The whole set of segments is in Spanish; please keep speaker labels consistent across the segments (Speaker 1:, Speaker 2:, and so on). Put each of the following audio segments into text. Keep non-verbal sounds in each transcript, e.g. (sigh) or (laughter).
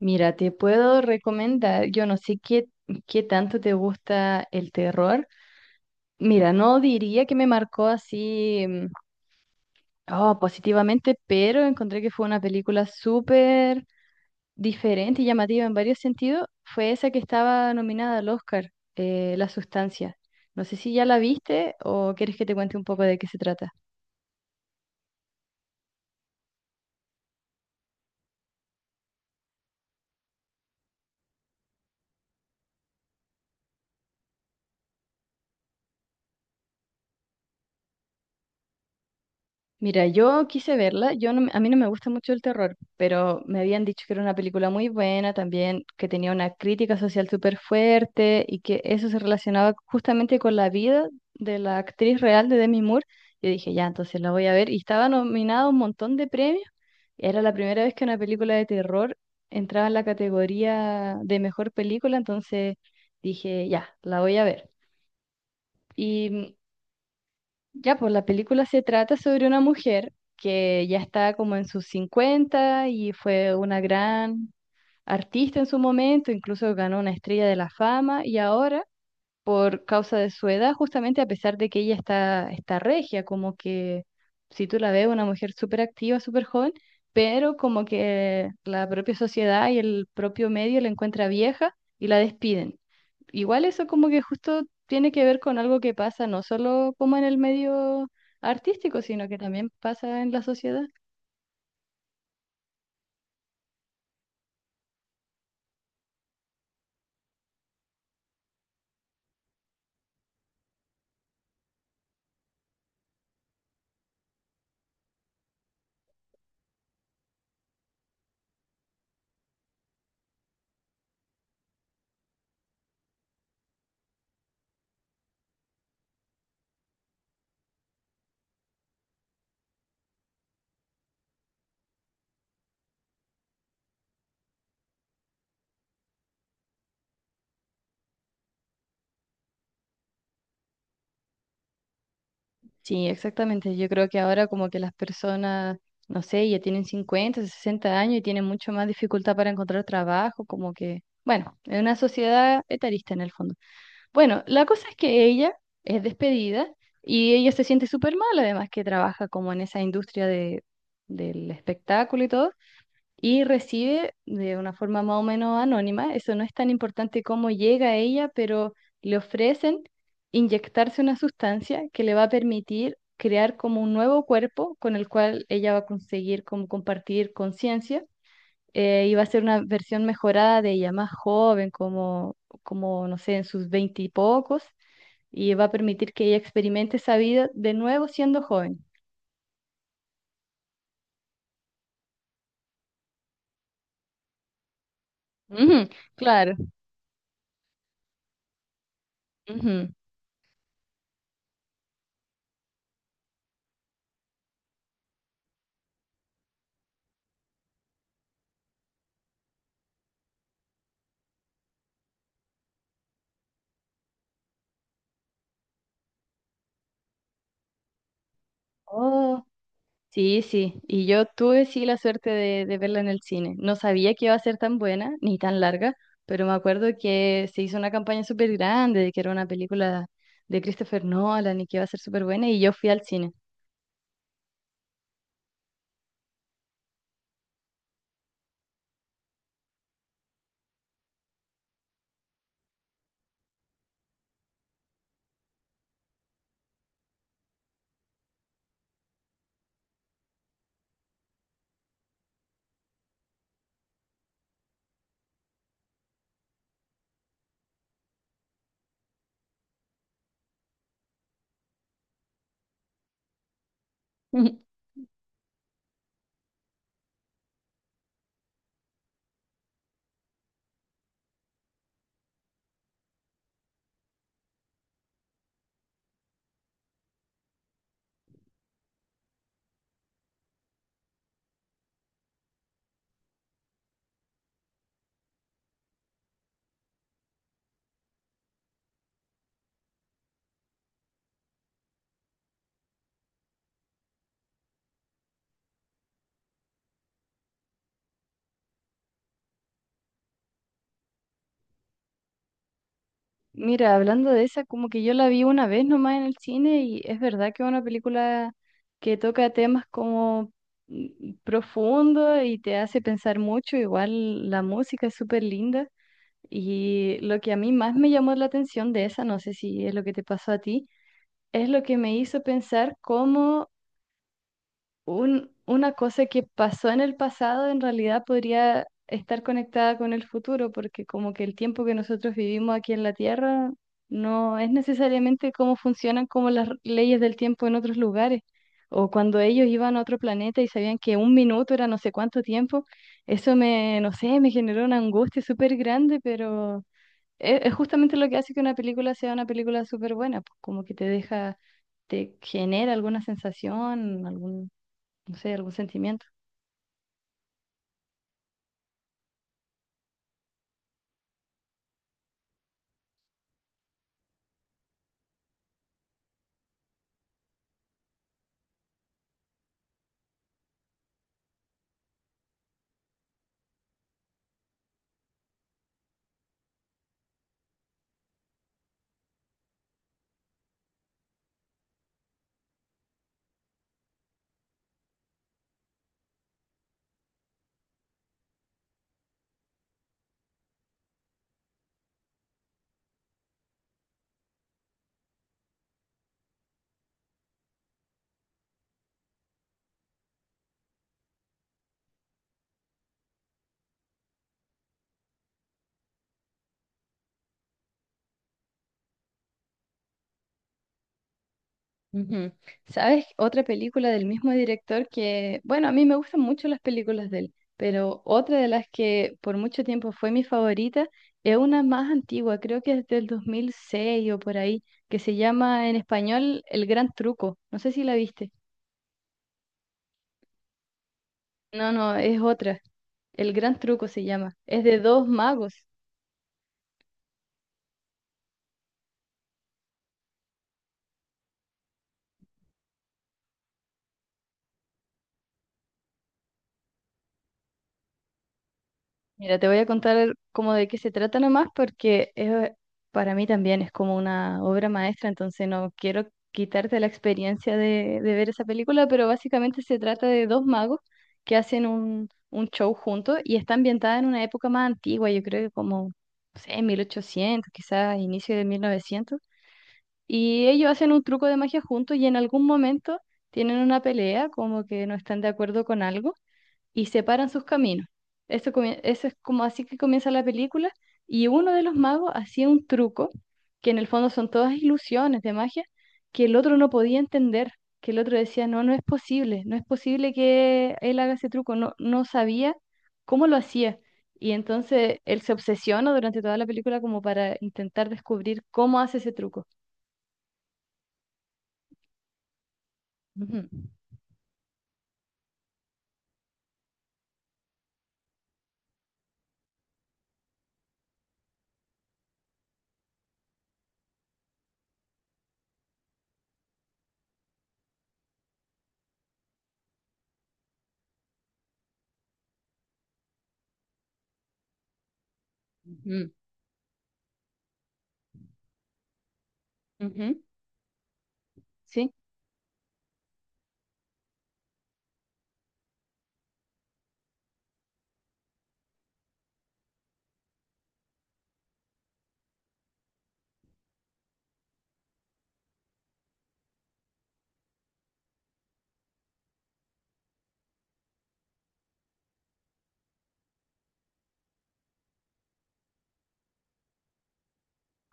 Speaker 1: Mira, te puedo recomendar, yo no sé qué, qué tanto te gusta el terror. Mira, no diría que me marcó así oh, positivamente, pero encontré que fue una película súper diferente y llamativa en varios sentidos. Fue esa que estaba nominada al Oscar, La Sustancia. No sé si ya la viste o quieres que te cuente un poco de qué se trata. Mira, yo quise verla, yo no, a mí no me gusta mucho el terror, pero me habían dicho que era una película muy buena también, que tenía una crítica social súper fuerte y que eso se relacionaba justamente con la vida de la actriz real de Demi Moore. Yo dije, ya, entonces la voy a ver y estaba nominada a un montón de premios. Era la primera vez que una película de terror entraba en la categoría de mejor película, entonces dije, ya, la voy a ver. Y ya, pues la película se trata sobre una mujer que ya está como en sus 50 y fue una gran artista en su momento, incluso ganó una estrella de la fama y ahora, por causa de su edad, justamente a pesar de que ella está regia, como que si tú la ves, una mujer súper activa, súper joven, pero como que la propia sociedad y el propio medio la encuentra vieja y la despiden. Igual eso como que justo tiene que ver con algo que pasa no solo como en el medio artístico, sino que también pasa en la sociedad. Sí, exactamente. Yo creo que ahora como que las personas, no sé, ya tienen 50 60 años y tienen mucho más dificultad para encontrar trabajo, como que, bueno, es una sociedad etarista en el fondo. Bueno, la cosa es que ella es despedida y ella se siente súper mal, además que trabaja como en esa industria del espectáculo y todo. Y recibe de una forma más o menos anónima, eso no es tan importante cómo llega a ella, pero le ofrecen inyectarse una sustancia que le va a permitir crear como un nuevo cuerpo con el cual ella va a conseguir como compartir conciencia. Y va a ser una versión mejorada de ella, más joven, no sé, en sus veinte y pocos, y va a permitir que ella experimente esa vida de nuevo siendo joven. Ujú, claro. Ujú. Sí, sí, y yo tuve sí la suerte de verla en el cine. No sabía que iba a ser tan buena ni tan larga, pero me acuerdo que se hizo una campaña súper grande de que era una película de Christopher Nolan y que iba a ser súper buena y yo fui al cine. (laughs) Mira, hablando de esa, como que yo la vi una vez nomás en el cine y es verdad que es una película que toca temas como profundos y te hace pensar mucho, igual la música es súper linda. Y lo que a mí más me llamó la atención de esa, no sé si es lo que te pasó a ti, es lo que me hizo pensar cómo una cosa que pasó en el pasado en realidad podría estar conectada con el futuro, porque como que el tiempo que nosotros vivimos aquí en la Tierra no es necesariamente cómo funcionan como las leyes del tiempo en otros lugares. O cuando ellos iban a otro planeta y sabían que un minuto era no sé cuánto tiempo, eso me, no sé, me generó una angustia súper grande, pero es justamente lo que hace que una película sea una película súper buena, pues como que te deja, te genera alguna sensación, algún, no sé, algún sentimiento. Ujú. ¿Sabes? Otra película del mismo director que, bueno, a mí me gustan mucho las películas de él, pero otra de las que por mucho tiempo fue mi favorita es una más antigua, creo que es del 2006 o por ahí, que se llama en español El Gran Truco. No sé si la viste. No, no, es otra. El Gran Truco se llama. Es de dos magos. Mira, te voy a contar como de qué se trata nomás porque es, para mí también es como una obra maestra, entonces no quiero quitarte la experiencia de ver esa película, pero básicamente se trata de dos magos que hacen un show juntos y está ambientada en una época más antigua, yo creo que como, no sé, 1800, quizás inicio de 1900, y ellos hacen un truco de magia juntos y en algún momento tienen una pelea, como que no están de acuerdo con algo y separan sus caminos. Eso, eso es como así que comienza la película y uno de los magos hacía un truco, que en el fondo son todas ilusiones de magia, que el otro no podía entender, que el otro decía, no, no es posible, no es posible que él haga ese truco, no, no sabía cómo lo hacía. Y entonces él se obsesiona durante toda la película como para intentar descubrir cómo hace ese truco. Ujú. Ujú, ujú. ¿Sí?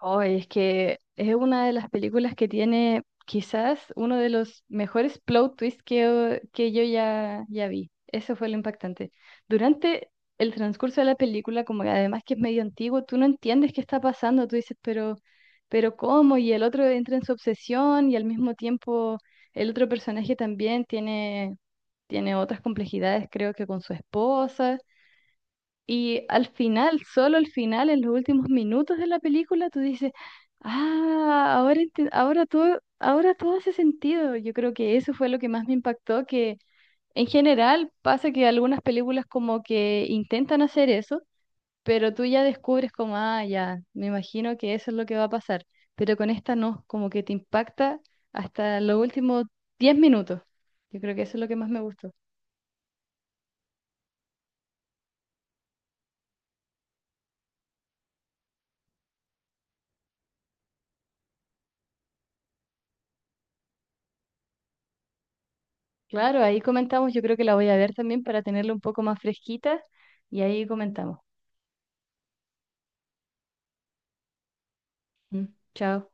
Speaker 1: Oh, es que es una de las películas que tiene quizás uno de los mejores plot twists que yo ya, ya vi. Eso fue lo impactante. Durante el transcurso de la película, como que además que es medio antiguo, tú no entiendes qué está pasando. Tú dices, pero ¿cómo? Y el otro entra en su obsesión y al mismo tiempo el otro personaje también tiene, tiene otras complejidades, creo que con su esposa. Y al final, solo al final, en los últimos minutos de la película, tú dices, ah, ahora, ahora todo hace sentido. Yo creo que eso fue lo que más me impactó, que en general pasa que algunas películas como que intentan hacer eso, pero tú ya descubres como, ah, ya, me imagino que eso es lo que va a pasar. Pero con esta no, como que te impacta hasta los últimos 10 minutos. Yo creo que eso es lo que más me gustó. Claro, ahí comentamos, yo creo que la voy a ver también para tenerla un poco más fresquita y ahí comentamos. Mm. Chao.